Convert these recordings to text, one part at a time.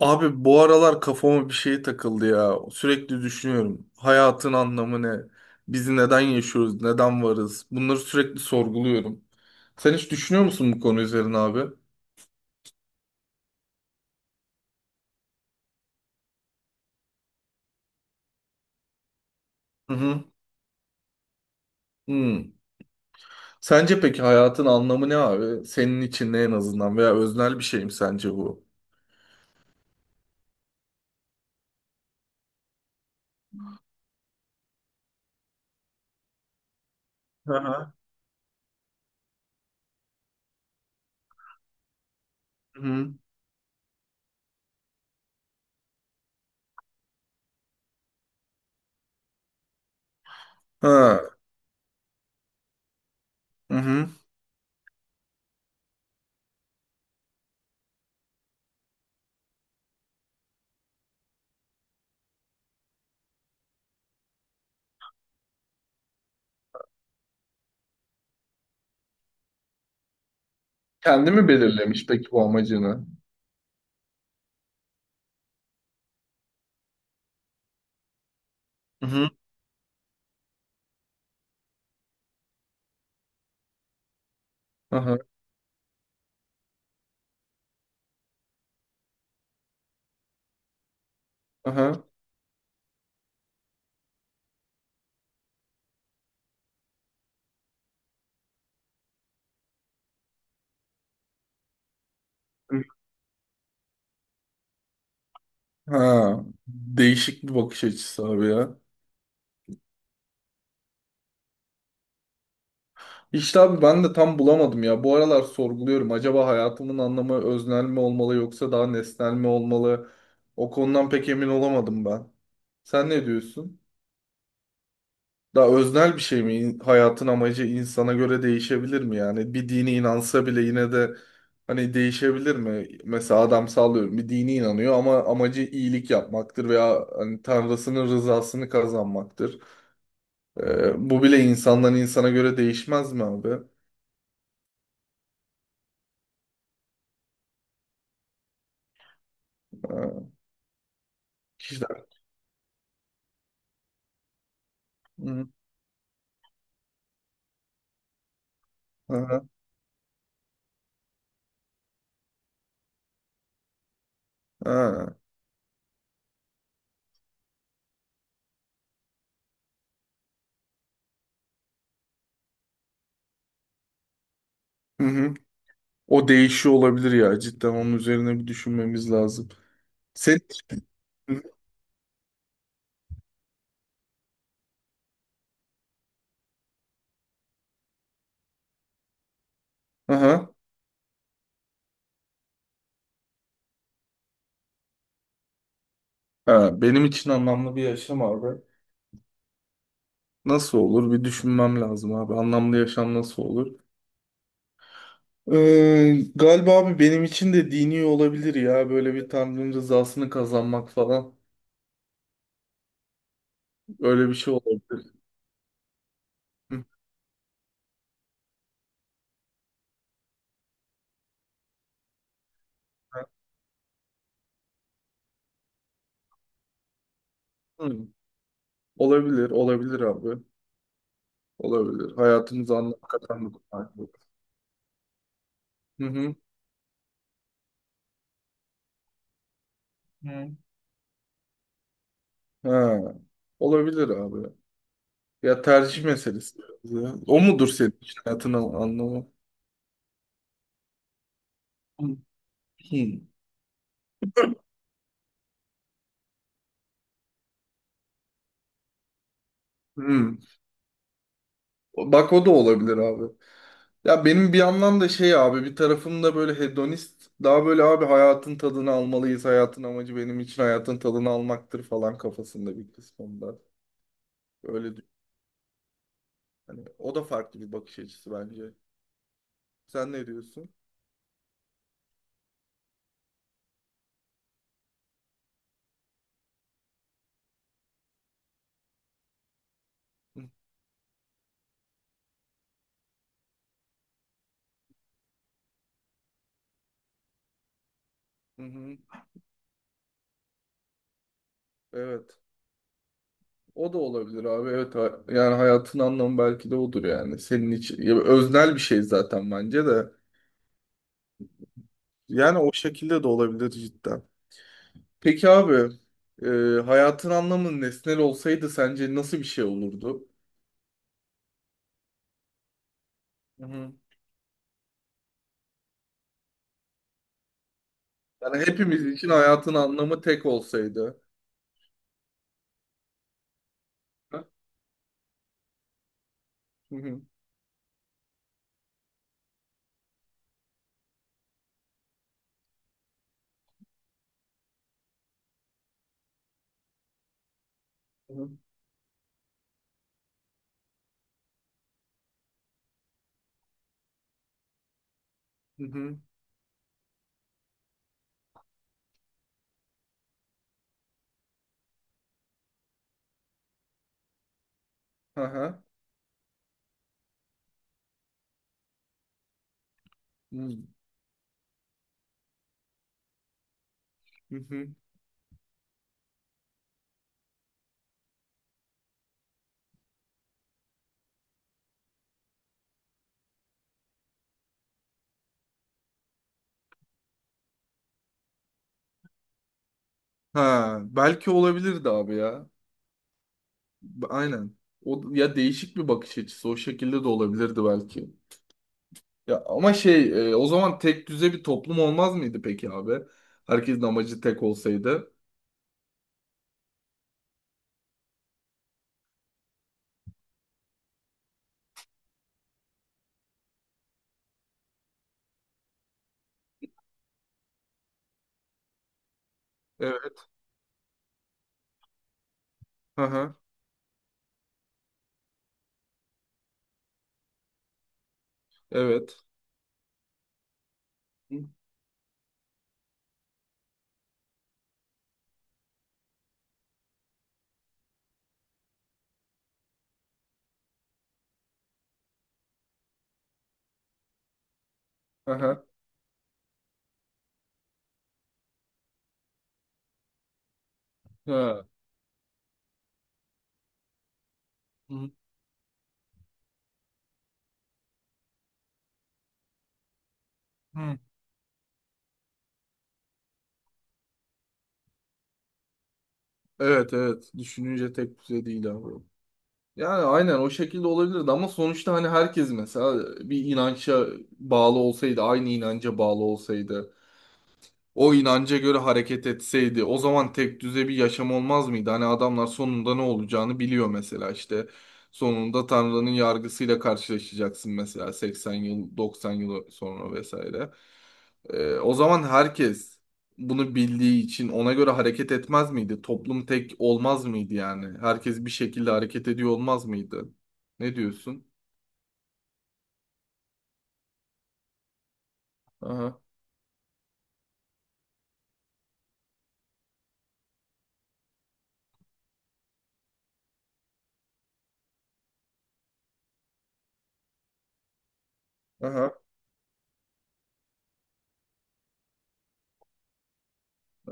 Abi bu aralar kafama bir şey takıldı ya. Sürekli düşünüyorum. Hayatın anlamı ne? Biz neden yaşıyoruz? Neden varız? Bunları sürekli sorguluyorum. Sen hiç düşünüyor musun bu konu üzerine abi? Hı hı. Hmm. Sence peki hayatın anlamı ne abi? Senin için ne en azından veya öznel bir şey mi sence bu? Hı hı. Hı hı. Ha. Hı hı. Kendi mi belirlemiş peki bu amacını? Hı hı. Hı hı. Hı hı. Ha. Değişik bir bakış açısı abi ya. İşte abi ben de tam bulamadım ya. Bu aralar sorguluyorum. Acaba hayatımın anlamı öznel mi olmalı yoksa daha nesnel mi olmalı? O konudan pek emin olamadım ben. Sen ne diyorsun? Daha öznel bir şey mi? Hayatın amacı insana göre değişebilir mi yani? Bir dini inansa bile yine de hani değişebilir mi? Mesela adam sallıyorum bir dini inanıyor ama amacı iyilik yapmaktır veya hani Tanrısının rızasını kazanmaktır. Bu bile insandan insana göre değişmez mi abi? Ee, Kişiler. Aha, ha. Hı hı. O değişiyor olabilir ya. Cidden onun üzerine bir düşünmemiz lazım. sen aha. Ha, benim için anlamlı bir yaşam abi. Nasıl olur? Bir düşünmem lazım abi. Anlamlı yaşam nasıl olur? Galiba abi benim için de dini olabilir ya. Böyle bir Tanrı'nın rızasını kazanmak falan. Öyle bir şey olabilir. Hı. Hı. Olabilir, olabilir abi. Olabilir. Hayatımıza anlam katan bir konu. Hı hı. Hı. Ha, olabilir abi. Ya tercih meselesi, biraz ya. O mudur senin için hayatın anlamı? Hmm. Hmm. Bak o da olabilir abi. Ya benim bir yandan da şey abi, bir tarafım da böyle hedonist. Daha böyle abi hayatın tadını almalıyız. Hayatın amacı benim için hayatın tadını almaktır falan kafasında bir kısmında. Öyle düşün. Hani o da farklı bir bakış açısı bence. Sen ne diyorsun? Hı hı. Hı. Evet. O da olabilir abi. Evet, yani hayatın anlamı belki de odur yani. Senin için ya öznel bir şey zaten bence de. Yani o şekilde de olabilir cidden. Peki abi, e, hayatın anlamı nesnel olsaydı sence nasıl bir şey olurdu? Hı hı. Yani hepimiz için hayatın anlamı tek olsaydı. Ha? Hı hı. Hı hı. Hı hı. Aha. Hı hı. Ha, belki olabilirdi abi ya. Aynen. O ya, değişik bir bakış açısı, o şekilde de olabilirdi belki. Ya ama şey, o zaman tek düze bir toplum olmaz mıydı peki abi? Herkesin amacı tek olsaydı. Evet. Hı hı. Evet. Aha. Ha. Hı. Hı. Evet, evet. Düşününce tek düze değil abi. Yani aynen o şekilde olabilirdi ama sonuçta hani herkes mesela bir inanca bağlı olsaydı, aynı inanca bağlı olsaydı, o inanca göre hareket etseydi o zaman tek düze bir yaşam olmaz mıydı? Hani adamlar sonunda ne olacağını biliyor mesela işte. Sonunda Tanrı'nın yargısıyla karşılaşacaksın mesela 80 yıl, 90 yıl sonra vesaire. O zaman herkes bunu bildiği için ona göre hareket etmez miydi? Toplum tek olmaz mıydı yani? Herkes bir şekilde hareket ediyor olmaz mıydı? Ne diyorsun? Aha, aha,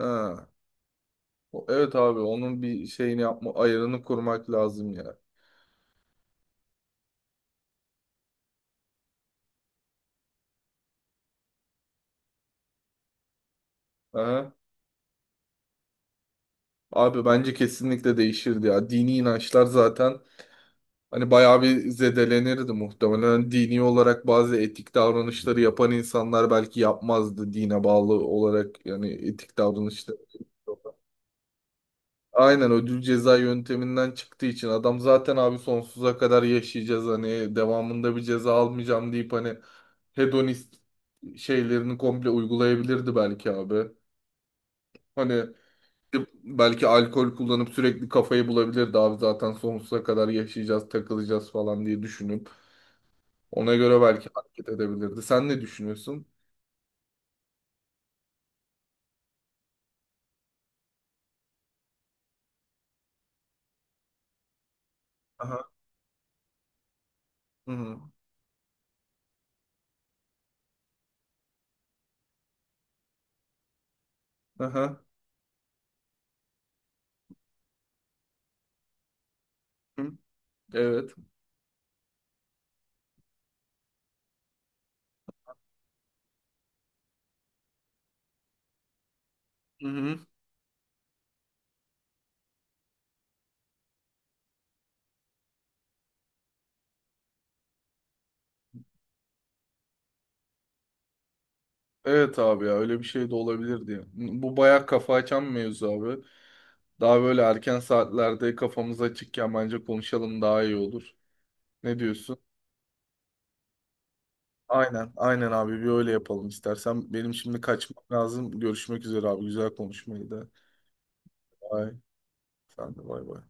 aha. Evet abi, onun bir şeyini yapma, ayarını kurmak lazım ya. Aha. Abi bence kesinlikle değişirdi ya. Dini inançlar zaten hani bayağı bir zedelenirdi muhtemelen. Hani dini olarak bazı etik davranışları yapan insanlar belki yapmazdı dine bağlı olarak, yani etik davranışları. Aynen, ödül ceza yönteminden çıktığı için adam zaten abi sonsuza kadar yaşayacağız, hani devamında bir ceza almayacağım deyip hani hedonist şeylerini komple uygulayabilirdi belki abi. Hani belki alkol kullanıp sürekli kafayı bulabilirdi abi, zaten sonsuza kadar yaşayacağız, takılacağız falan diye düşünüp. Ona göre belki hareket edebilirdi. Sen ne düşünüyorsun? Aha. Hı hı. Aha. Hı. Evet. Hı hı. Evet abi ya, öyle bir şey de olabilir diye. Bu bayağı kafa açan bir mevzu abi. Daha böyle erken saatlerde kafamız açıkken bence konuşalım, daha iyi olur. Ne diyorsun? Aynen, aynen abi, bir öyle yapalım istersen. Benim şimdi kaçmam lazım. Görüşmek üzere abi. Güzel konuşmaydı. Bye. Sen de bay bay.